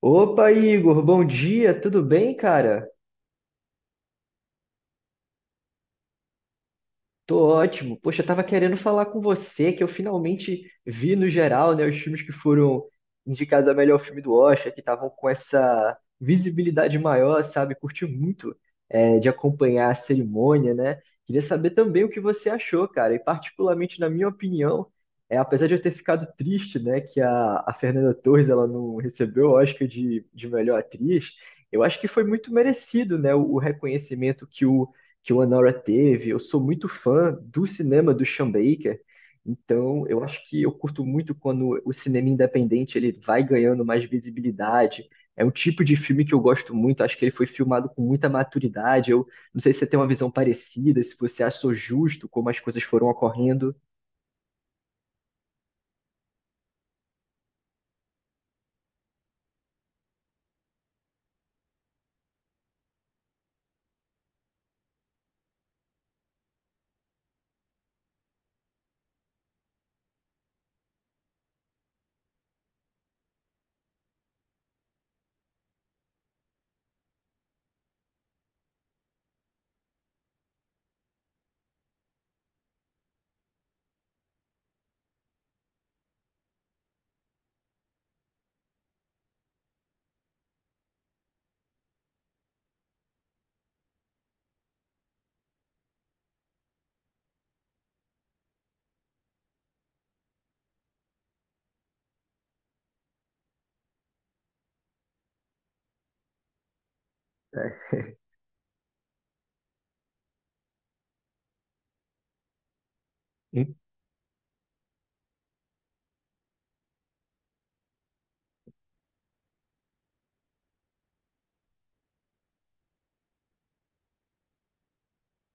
Opa, Igor, bom dia, tudo bem, cara? Tô ótimo. Poxa, eu tava querendo falar com você que eu finalmente vi no geral, né, os filmes que foram indicados a melhor filme do Oscar, que estavam com essa visibilidade maior, sabe? Curti muito de acompanhar a cerimônia, né? Queria saber também o que você achou, cara. E particularmente na minha opinião, apesar de eu ter ficado triste, né, que a Fernanda Torres ela não recebeu o Oscar de melhor atriz, eu acho que foi muito merecido, né, o reconhecimento que o Anora teve. Eu sou muito fã do cinema do Sean Baker, então eu acho que eu curto muito quando o cinema independente ele vai ganhando mais visibilidade. É um tipo de filme que eu gosto muito, acho que ele foi filmado com muita maturidade. Eu não sei se você tem uma visão parecida, se você achou justo como as coisas foram ocorrendo.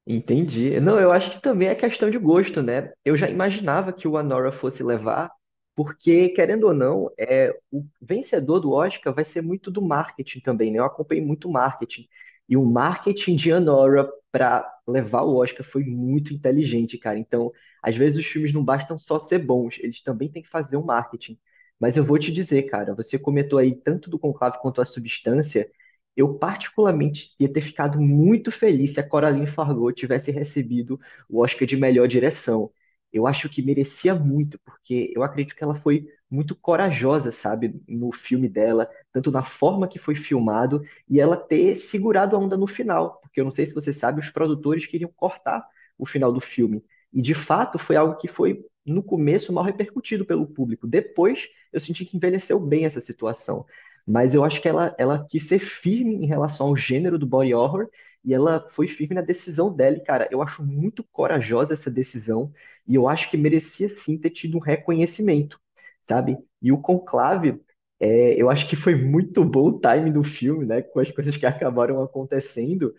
Entendi. Não, eu acho que também é questão de gosto, né? Eu já imaginava que o Anora fosse levar, porque, querendo ou não, o vencedor do Oscar vai ser muito do marketing também, né? Eu acompanhei muito marketing. E o marketing de Anora para levar o Oscar foi muito inteligente, cara. Então, às vezes os filmes não bastam só ser bons, eles também têm que fazer um marketing. Mas eu vou te dizer, cara, você comentou aí tanto do Conclave quanto a Substância. Eu particularmente ia ter ficado muito feliz se a Coraline Fargo tivesse recebido o Oscar de melhor direção. Eu acho que merecia muito, porque eu acredito que ela foi muito corajosa, sabe, no filme dela, tanto na forma que foi filmado e ela ter segurado a onda no final, porque eu não sei se você sabe, os produtores queriam cortar o final do filme. E de fato foi algo que foi no começo mal repercutido pelo público. Depois eu senti que envelheceu bem essa situação. Mas eu acho que ela quis ser firme em relação ao gênero do body horror e ela foi firme na decisão dela. E, cara, eu acho muito corajosa essa decisão e eu acho que merecia sim ter tido um reconhecimento, sabe? E o Conclave, eu acho que foi muito bom o time do filme, né? Com as coisas que acabaram acontecendo.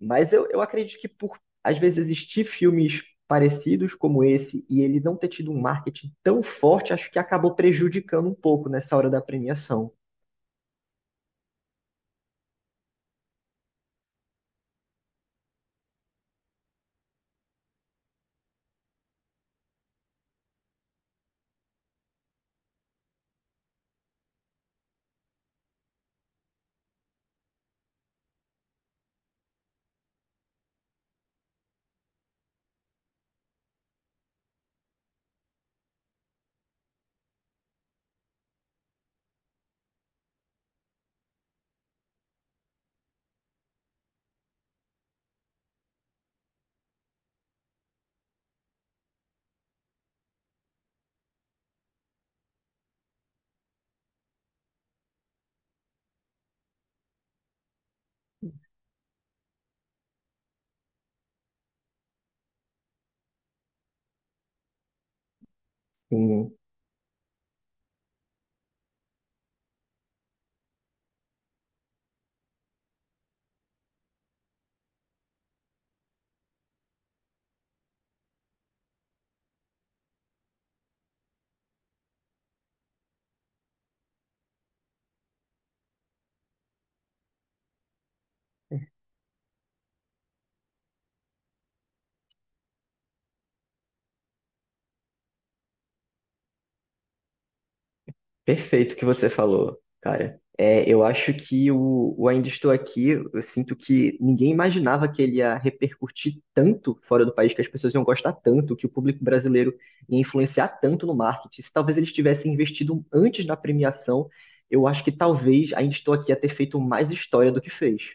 Mas eu acredito que por, às vezes, existir filmes parecidos como esse e ele não ter tido um marketing tão forte, acho que acabou prejudicando um pouco nessa hora da premiação. Perfeito o que você falou, cara. É, eu acho que o Ainda Estou Aqui, eu sinto que ninguém imaginava que ele ia repercutir tanto fora do país, que as pessoas iam gostar tanto, que o público brasileiro ia influenciar tanto no marketing. Se talvez eles tivessem investido antes na premiação, eu acho que talvez Ainda Estou Aqui ia ter feito mais história do que fez.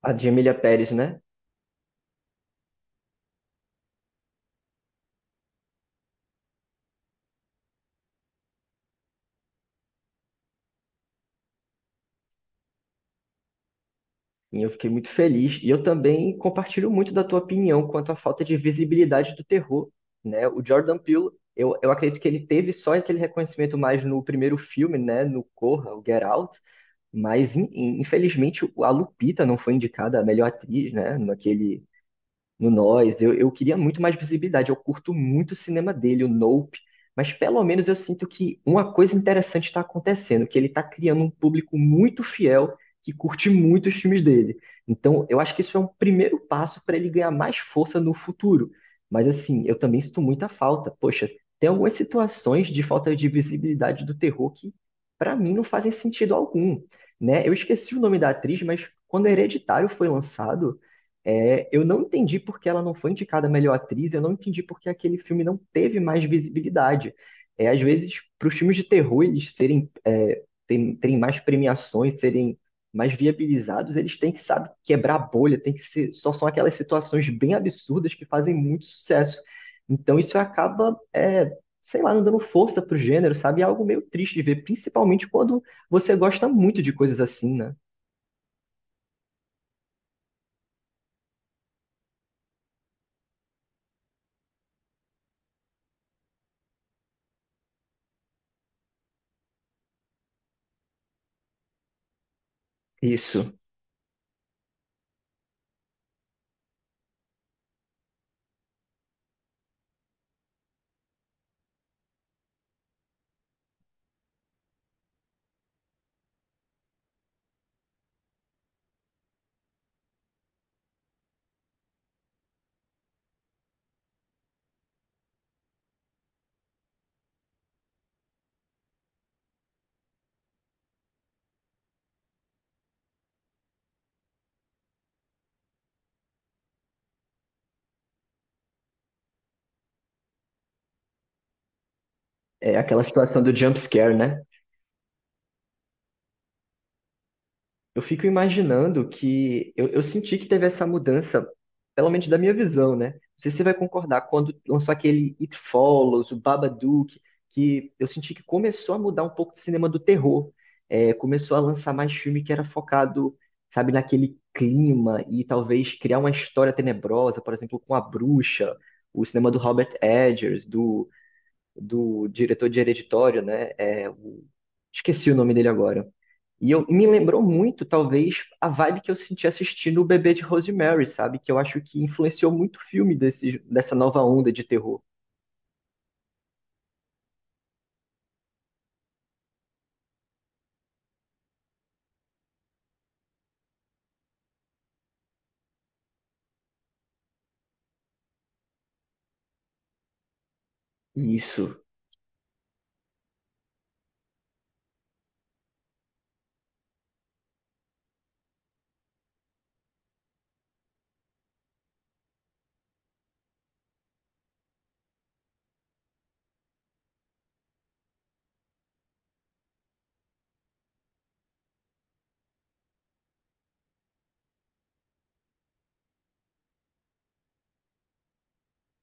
A de Emília Pérez, né? E eu fiquei muito feliz. E eu também compartilho muito da tua opinião quanto à falta de visibilidade do terror, né? O Jordan Peele, eu acredito que ele teve só aquele reconhecimento mais no primeiro filme, né? No Corra, o Get Out. Mas, infelizmente, a Lupita não foi indicada a melhor atriz, né? Naquele No Nós. Eu queria muito mais visibilidade. Eu curto muito o cinema dele, o Nope. Mas pelo menos eu sinto que uma coisa interessante está acontecendo, que ele está criando um público muito fiel que curte muito os filmes dele. Então, eu acho que isso é um primeiro passo para ele ganhar mais força no futuro. Mas assim, eu também sinto muita falta. Poxa, tem algumas situações de falta de visibilidade do terror que, para mim, não fazem sentido algum, né? Eu esqueci o nome da atriz, mas quando Hereditário foi lançado eu não entendi por que ela não foi indicada a melhor atriz, eu não entendi por que aquele filme não teve mais visibilidade. É, às vezes, para os filmes de terror eles serem, terem mais premiações, serem mais viabilizados, eles têm que, sabe, quebrar a bolha, tem que ser, só são aquelas situações bem absurdas que fazem muito sucesso. Então isso acaba, sei lá, não dando força para o gênero, sabe? É algo meio triste de ver, principalmente quando você gosta muito de coisas assim, né? Isso. É aquela situação do jump scare, né? Eu fico imaginando que eu senti que teve essa mudança, pelo menos da minha visão, né? Não sei se você vai concordar, quando lançou aquele It Follows, o Babadook, que eu senti que começou a mudar um pouco de cinema do terror. É, começou a lançar mais filme que era focado, sabe, naquele clima e talvez criar uma história tenebrosa, por exemplo, com a bruxa, o cinema do Robert Eggers, do diretor de Hereditário, né? Esqueci o nome dele agora. E me lembrou muito, talvez, a vibe que eu senti assistindo O Bebê de Rosemary, sabe? Que eu acho que influenciou muito o filme dessa nova onda de terror. Isso.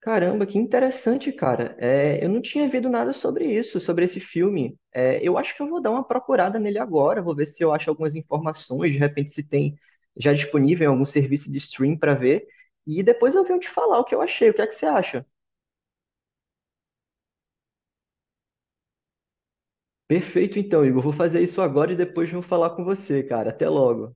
Caramba, que interessante, cara. É, eu não tinha visto nada sobre isso, sobre esse filme. É, eu acho que eu vou dar uma procurada nele agora, vou ver se eu acho algumas informações, de repente se tem já disponível em algum serviço de stream para ver. E depois eu venho te falar o que eu achei, o que é que você acha? Perfeito, então, Igor. Vou fazer isso agora e depois vou falar com você, cara. Até logo.